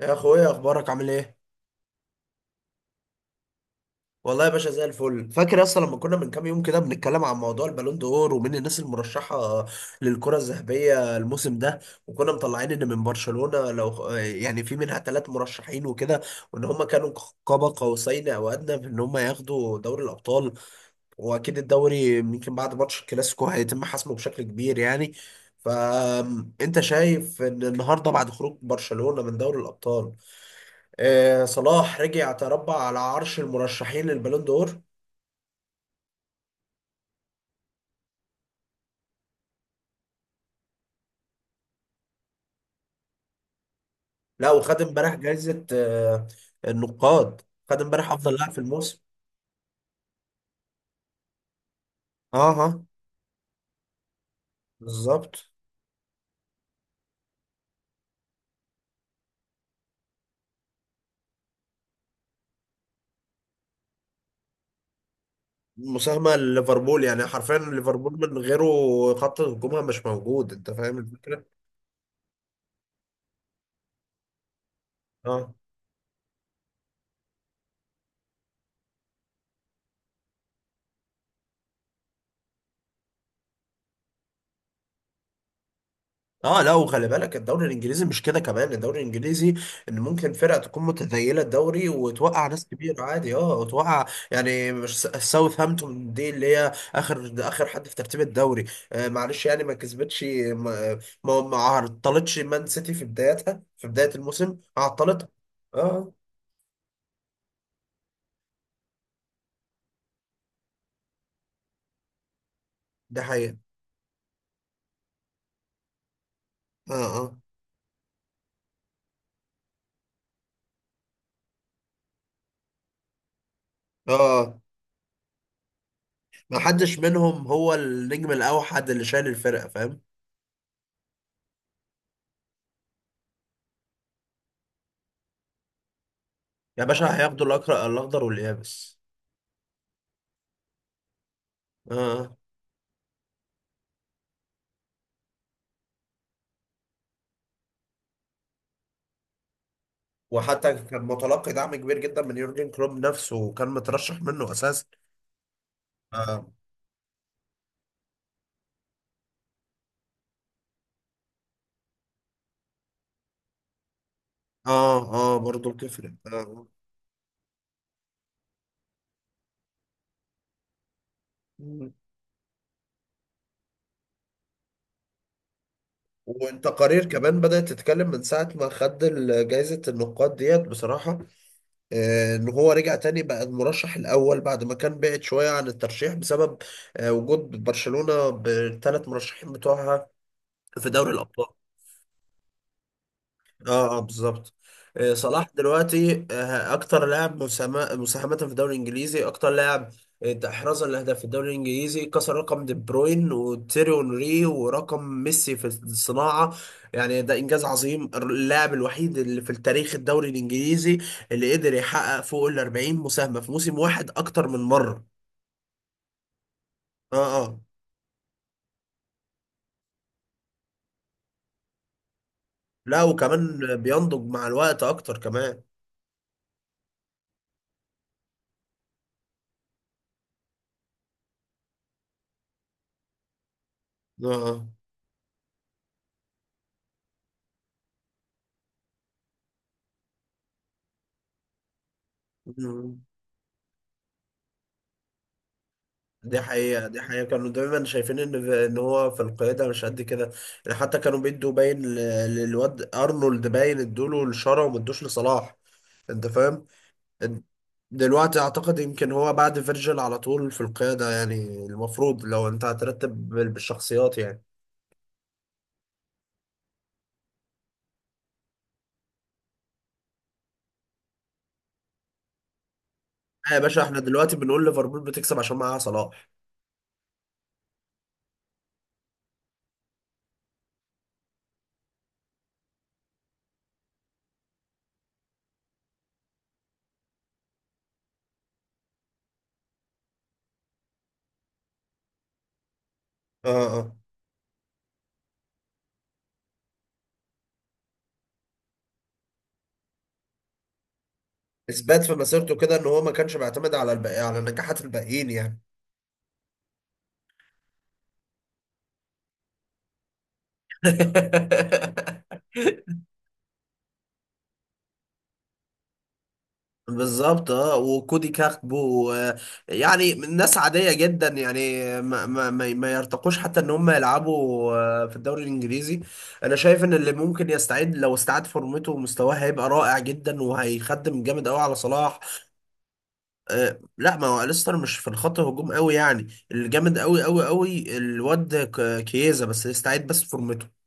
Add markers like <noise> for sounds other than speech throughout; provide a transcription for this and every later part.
يا اخويا، اخبارك عامل ايه؟ والله يا باشا زي الفل. فاكر اصلا لما كنا من كام يوم كده بنتكلم عن موضوع البالون دور ومين الناس المرشحه للكره الذهبيه الموسم ده، وكنا مطلعين ان من برشلونه لو في منها ثلاث مرشحين وكده، وان هم كانوا قاب قوسين او ادنى في ان هم ياخدوا دوري الابطال. واكيد الدوري يمكن بعد ماتش الكلاسيكو هيتم حسمه بشكل كبير يعني. فانت شايف ان النهارده بعد خروج برشلونه من دوري الابطال، صلاح رجع تربع على عرش المرشحين للبالون دور. لا، وخد امبارح جائزة النقاد، خد امبارح افضل لاعب في الموسم. اه، اه، بالظبط. مساهمة ليفربول، يعني حرفيا ليفربول من غيره خط هجومها مش موجود، انت فاهم الفكرة؟ اه، اه. لا، وخلي بالك الدوري الانجليزي مش كده كمان، الدوري الانجليزي ان ممكن فرقه تكون متذيله الدوري وتوقع ناس كبيره عادي، اه، وتوقع. يعني مش ساوثهامبتون دي اللي هي اخر اخر حد في ترتيب الدوري، آه معلش، يعني ما كسبتش، ما عطلتش مان سيتي في بدايتها، في بدايه الموسم عطلتها. اه، ده حقيقه. اه، اه، اه، ما حدش منهم هو النجم الاوحد اللي شايل الفرقه، فاهم؟ يا باشا هياخدوا الاكرأ الاخضر واليابس. اه. آه. وحتى كان متلقي دعم كبير جدا من يورجن كلوب نفسه، وكان مترشح منه اساسا. اه، اه, آه برضه بتفرق. آه. مم. والتقارير كمان بدأت تتكلم من ساعة ما خد جايزة النقاد ديت بصراحة، إن هو رجع تاني بقى المرشح الأول بعد ما كان بعد شوية عن الترشيح بسبب وجود برشلونة بالثلاث مرشحين بتوعها في دوري الأبطال. اه، اه، بالظبط. صلاح دلوقتي اكتر لاعب مساهمة في الدوري الانجليزي، اكتر لاعب احرازا لاهداف في الدوري الانجليزي، كسر رقم دي بروين وتيري اونري ورقم ميسي في الصناعة. يعني ده انجاز عظيم، اللاعب الوحيد اللي في التاريخ الدوري الانجليزي اللي قدر يحقق فوق ال 40 مساهمة في موسم واحد اكتر من مرة. اه، اه. لا، وكمان بينضج مع الوقت اكتر كمان. اه، اه. دي حقيقة، دي حقيقة، كانوا دايما شايفين ان ان هو في القيادة مش قد كده، يعني حتى كانوا للواد ارنولد، باين ادوله لشارة وما ادوش لصلاح، انت فاهم؟ إن- دلوقتي اعتقد يمكن هو بعد فيرجيل على طول في القيادة يعني، المفروض لو انت هترتب بالشخصيات يعني. آه يا باشا، احنا دلوقتي بنقول ليفربول بتكسب عشان معاها صلاح. اه، اه. اثبات في مسيرته كده ان هو ما كانش بيعتمد على الباقي، على نجاحات الباقيين يعني. <laughs> بالظبط. اه، وكودي كاكبو، يعني ناس عادية جدا يعني، ما يرتقوش حتى ان هم يلعبوا في الدوري الانجليزي. انا شايف ان اللي ممكن يستعيد، لو استعاد فورمته ومستواه هيبقى رائع جدا وهيخدم جامد قوي على صلاح، لا ما هو ليستر مش في الخط هجوم قوي يعني. الجامد قوي قوي قوي الواد كييزا، بس يستعيد بس فورمته.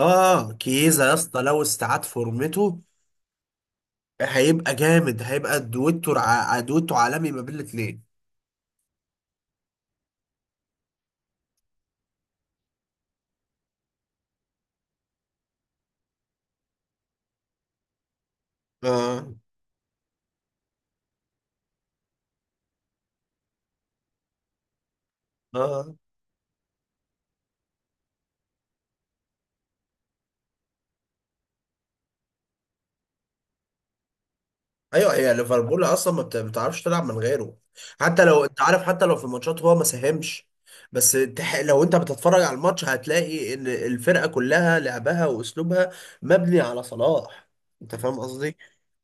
اه، كييزا يا اسطى لو استعاد فورمته هيبقى جامد، هيبقى دويتو عالمي ما بين الاثنين. اه، اه. ايوه، هي ليفربول اصلا ما بت- بتعرفش تلعب من غيره، حتى لو انت عارف، حتى لو في الماتشات هو ما ساهمش، لو انت بتتفرج على الماتش هتلاقي ان الفرقه كلها لعبها واسلوبها مبني على صلاح، انت فاهم قصدي؟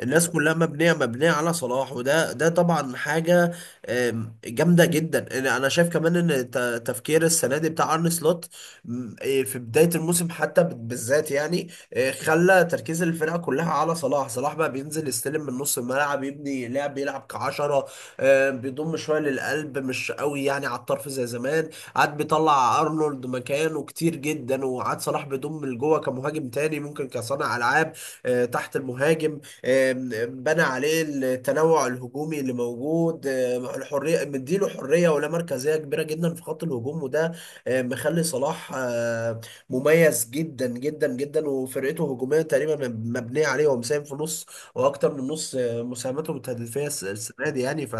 الناس كلها مبنيه على صلاح، وده ده طبعا حاجه جامده جدا. انا أنا شايف كمان تفكير السنه دي بتاع ارن سلوت، م، إيه، في بدايه الموسم حتى بالذات، يعني خلى تركيز الفرقه كلها على صلاح. صلاح بقى بينزل يستلم من نص الملعب، يبني لعب، يلعب كعشره، بيضم شويه للقلب، مش قوي يعني على الطرف زي زمان. قعد بيطلع ارنولد مكانه كتير جدا، وقعد صلاح بيضم لجوه كمهاجم تاني ممكن كصانع العاب، تحت المهاجم. آم، بنى عليه التنوع الهجومي اللي موجود، الحريه، مديله حريه ولا مركزيه كبيره جدا في خط الهجوم. وده مخلي صلاح مميز جدا جدا جدا، وفرقته هجوميه تقريبا مبنيه عليه، هو مساهم في نص واكتر من نص مساهماته التهديفيه السنه دي يعني ف…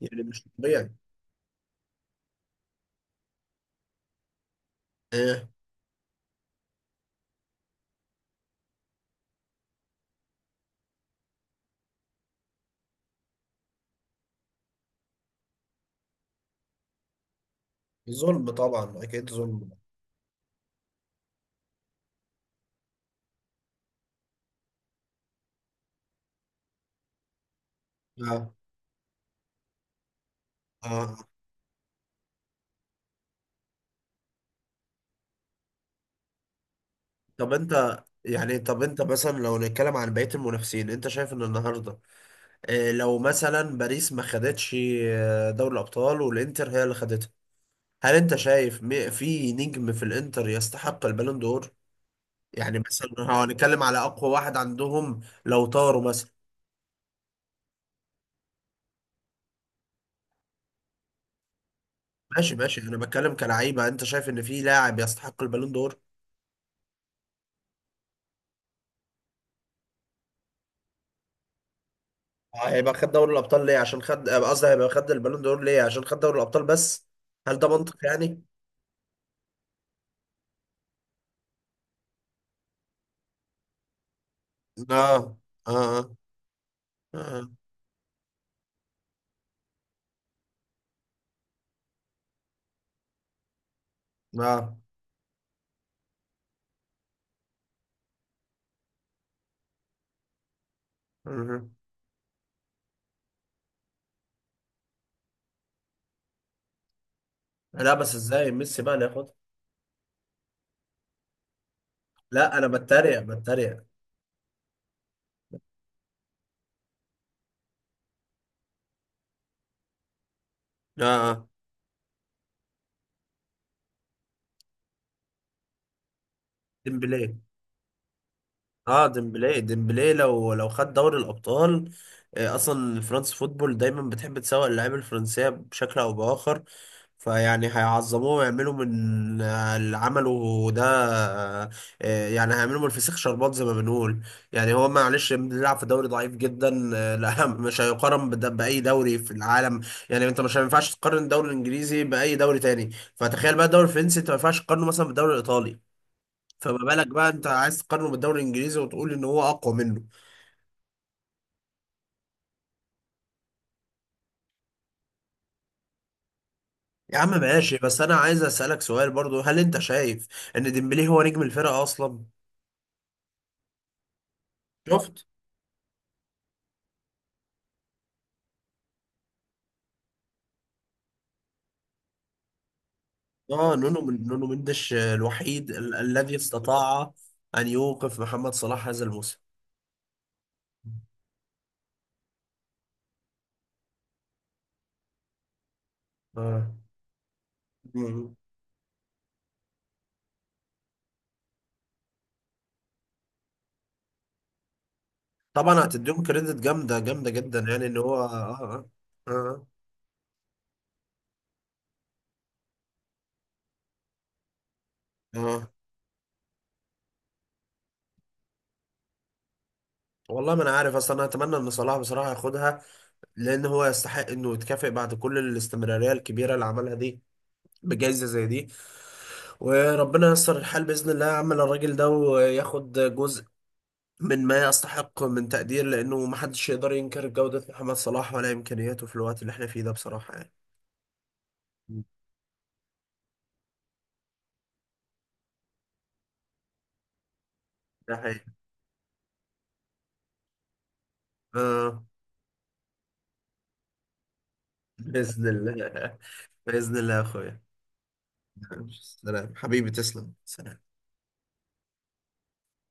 يعني مش طبيعي. آه، ظلم طبعا، اكيد ظلم. آه. آه. طب انت يعني، طب انت مثلا لو نتكلم عن بقيه المنافسين، انت شايف ان النهارده لو مثلا باريس ما خدتش دوري الابطال، والانتر هي اللي خدتها، هل انت شايف في نجم في الانتر يستحق البالون دور؟ يعني مثلا لو هنتكلم على اقوى واحد عندهم لو طاروا مثلا. ماشي ماشي، انا بتكلم كلاعيبه، انت شايف ان في لاعب يستحق البالون دور؟ هيبقى خد دوري الابطال ليه؟ عشان خد قصدي هيبقى خد البالون دور ليه؟ عشان خد دوري الابطال بس؟ هل ده منطق يعني؟ اه، اه، اه، اه. آه. مهم. لا بس ازاي ميسي بقى اللي ياخدها؟ لا، انا بتريق، بتريق. اه، اه، ديمبلي. اه، ديمبلي. ديمبلي لو لو خد دوري الابطال، اصلا فرانس فوتبول دايما بتحب تسوق اللعيبه الفرنسيه بشكل او باخر، فيعني هيعظموه ويعملوا من اللي عمله ده، آه، يعني هيعملوا من الفسيخ شربات زي ما بنقول. يعني هو معلش بيلعب في دوري ضعيف جدا، <laughs> لا مش هيقارن باي دوري في العالم. يعني انت مش، ما ينفعش تقارن الدوري الانجليزي باي دوري تاني، فتخيل بقى الدوري الفرنسي انت ما ينفعش تقارنه مثلا بالدوري الايطالي، فما بالك بقى انت عايز تقارنه بالدوري الانجليزي وتقول ان هو اقوى منه؟ يا عم ماشي، بس انا عايز اسالك سؤال برضو، هل انت شايف ان ديمبلي هو نجم الفرقه اصلا؟ شفت. اه، نونو مندش الوحيد ال الذي استطاع ان يوقف محمد صلاح هذا الموسم. اه. مم. طبعا هتديهم كريدت جامده جامده جدا، يعني ان هو اه، اه، اه. اه. والله ما انا عارف اصلا، انا اتمنى ان صلاح بصراحه ياخدها، لان هو يستحق انه يتكافئ بعد كل الاستمراريه الكبيره اللي عملها دي بجائزة زي دي، وربنا ييسر الحال بإذن الله يا عم، الراجل ده وياخد جزء من ما يستحق من تقدير، لأنه محدش يقدر ينكر جودة محمد صلاح ولا إمكانياته في الوقت اللي احنا فيه ده بصراحة يعني. ده حقيقي. آه. بإذن الله. <laughs> بإذن الله يا أخويا. سلام حبيبي، تسلم، سلام.